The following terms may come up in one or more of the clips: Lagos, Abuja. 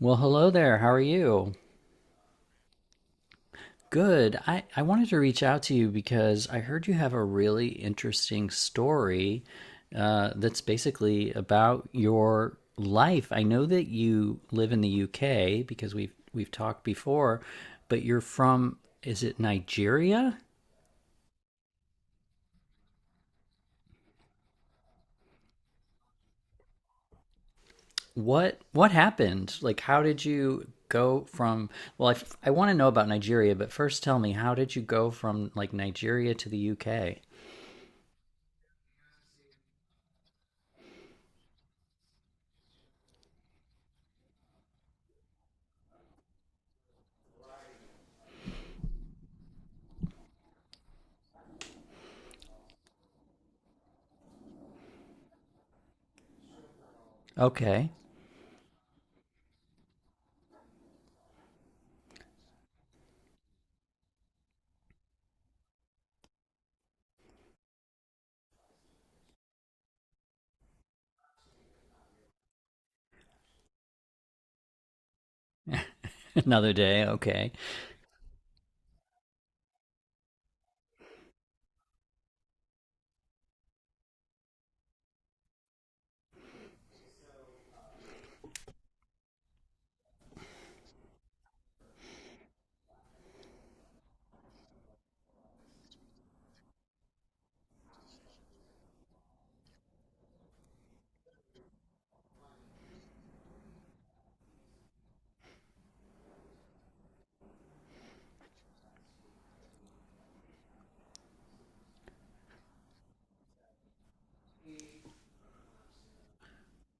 Well, hello there. How are you? Good. I wanted to reach out to you because I heard you have a really interesting story, that's basically about your life. I know that you live in the UK because we've talked before, but you're from, is it Nigeria? What happened? Like, how did you go from, well, I want to know about Nigeria, but first tell me, how did you go from like Nigeria to the UK? Okay. Another day, okay.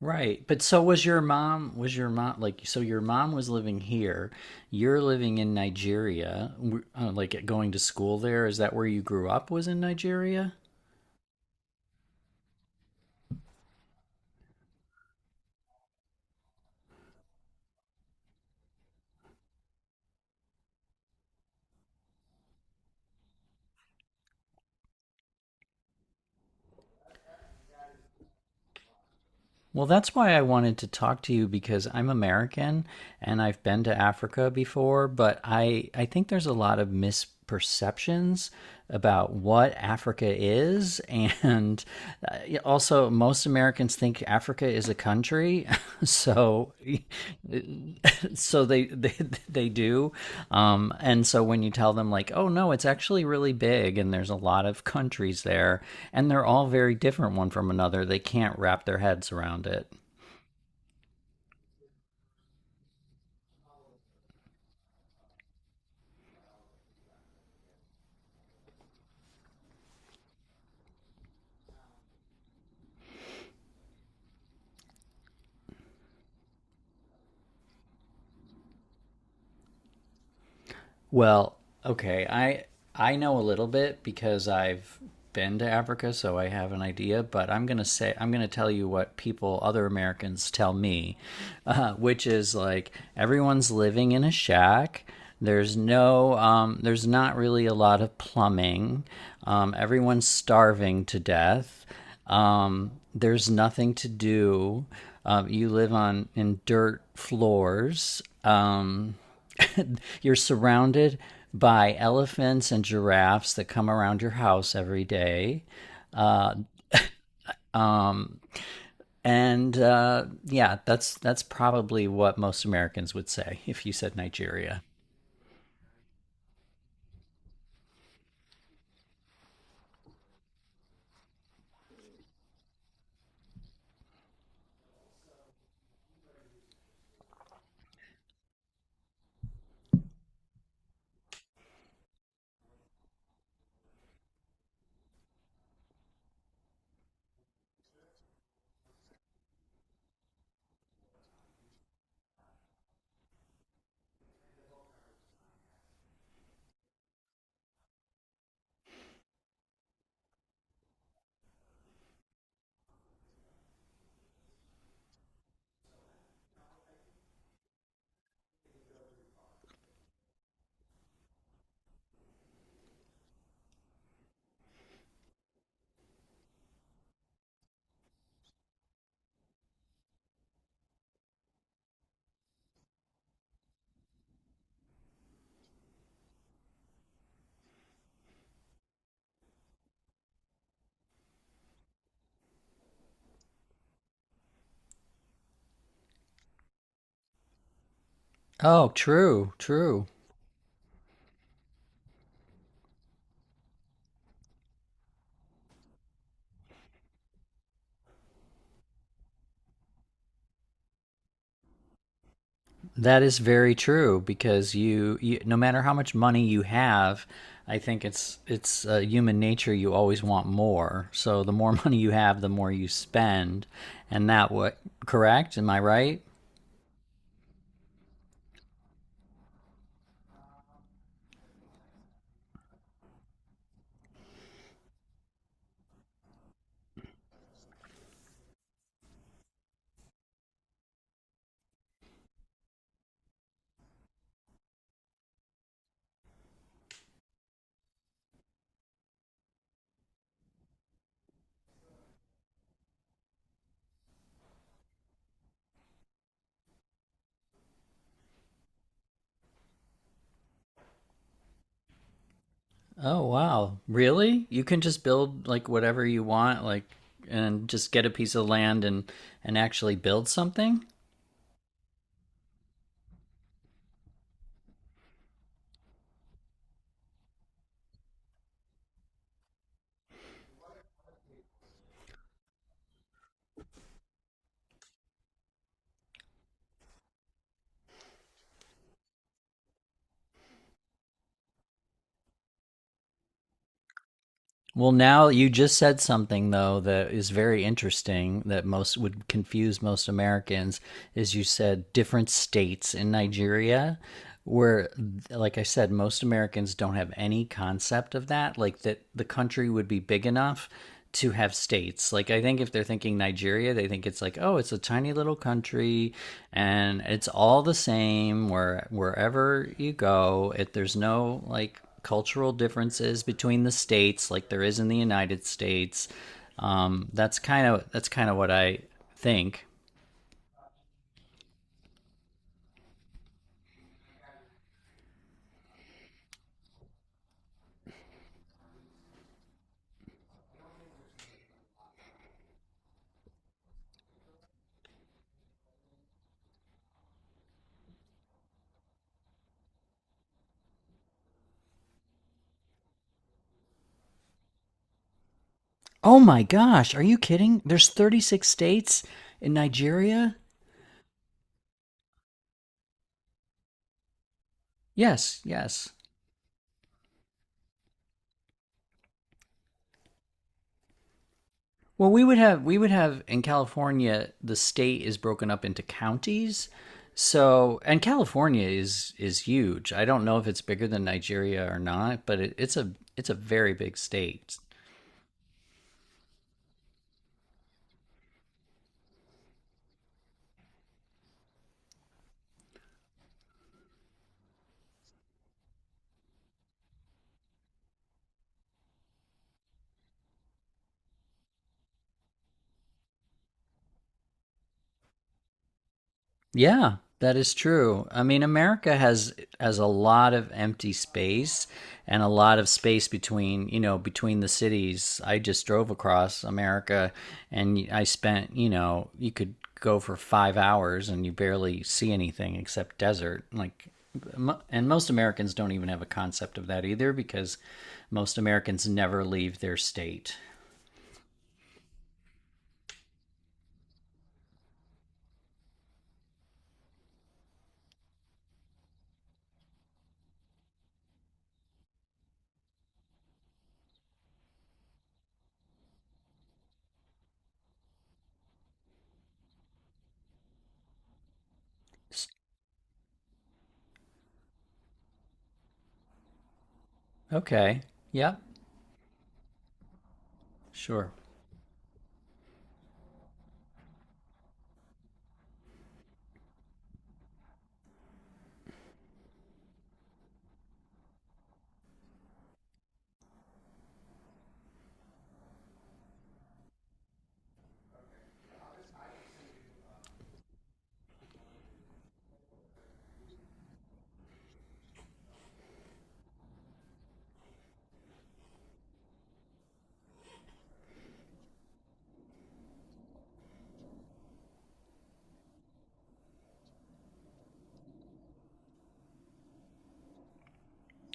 Right. But so was your mom, like, so your mom was living here. You're living in Nigeria, like going to school there. Is that where you grew up, was in Nigeria? Well, that's why I wanted to talk to you because I'm American and I've been to Africa before, but I think there's a lot of misperceptions about what Africa is. And uh, also, most Americans think Africa is a country, so so they they they do, and so when you tell them like, oh no, it's actually really big, and there's a lot of countries there, and they're all very different one from another, they can't wrap their heads around it. Well, okay. I know a little bit because I've been to Africa, so I have an idea. But I'm gonna tell you what people, other Americans, tell me, which is like everyone's living in a shack. There's no, there's not really a lot of plumbing. Everyone's starving to death. There's nothing to do. You live on in dirt floors. You're surrounded by elephants and giraffes that come around your house every day. And yeah, that's probably what most Americans would say if you said Nigeria. Oh, true, true. That is very true because you no matter how much money you have, I think it's human nature, you always want more. So the more money you have, the more you spend, and that what correct? Am I right? Oh wow. Really? You can just build like whatever you want like and just get a piece of land and actually build something? Well, now you just said something though that is very interesting that most would confuse most Americans is you said different states in Nigeria where, like I said, most Americans don't have any concept of that, like that the country would be big enough to have states. Like I think if they're thinking Nigeria, they think it's like, oh, it's a tiny little country and it's all the same. Wherever you go it, there's no like cultural differences between the states like there is in the United States. That's kind of what I think. Oh my gosh, are you kidding? There's 36 states in Nigeria? Yes, yes. Well, we would have in California the state is broken up into counties. So, and California is huge. I don't know if it's bigger than Nigeria or not, but it's a very big state. Yeah, that is true. I mean, America has a lot of empty space and a lot of space between, you know, between the cities. I just drove across America and I spent, you know, you could go for 5 hours and you barely see anything except desert. Like and most Americans don't even have a concept of that either because most Americans never leave their state. S- Okay. Yep. Sure.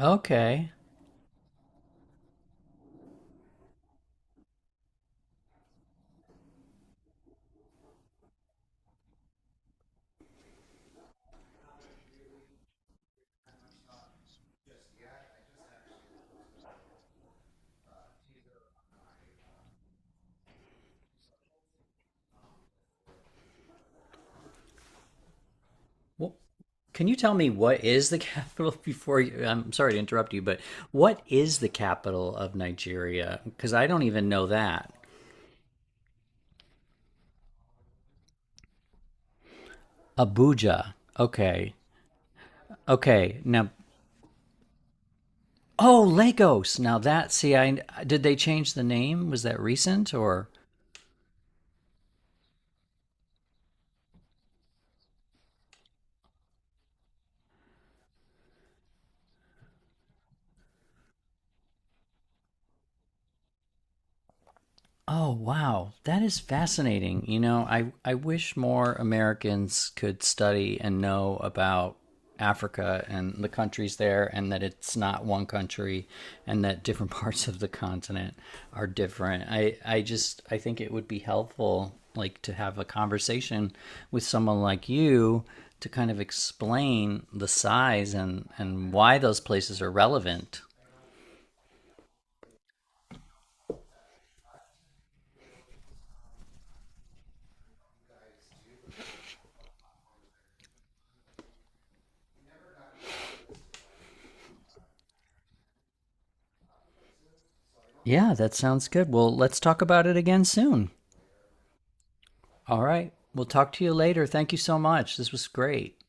Okay. Well, can you tell me what is the capital before you, I'm sorry to interrupt you, but what is the capital of Nigeria? Because I don't even know that. Abuja. Okay. Okay. Now, oh, Lagos. Now that, see, I did they change the name? Was that recent or? Oh, wow. That is fascinating. You know, I wish more Americans could study and know about Africa and the countries there, and that it's not one country, and that different parts of the continent are different. I just I think it would be helpful, like, to have a conversation with someone like you to kind of explain the size and why those places are relevant. Yeah, that sounds good. Well, let's talk about it again soon. All right. We'll talk to you later. Thank you so much. This was great.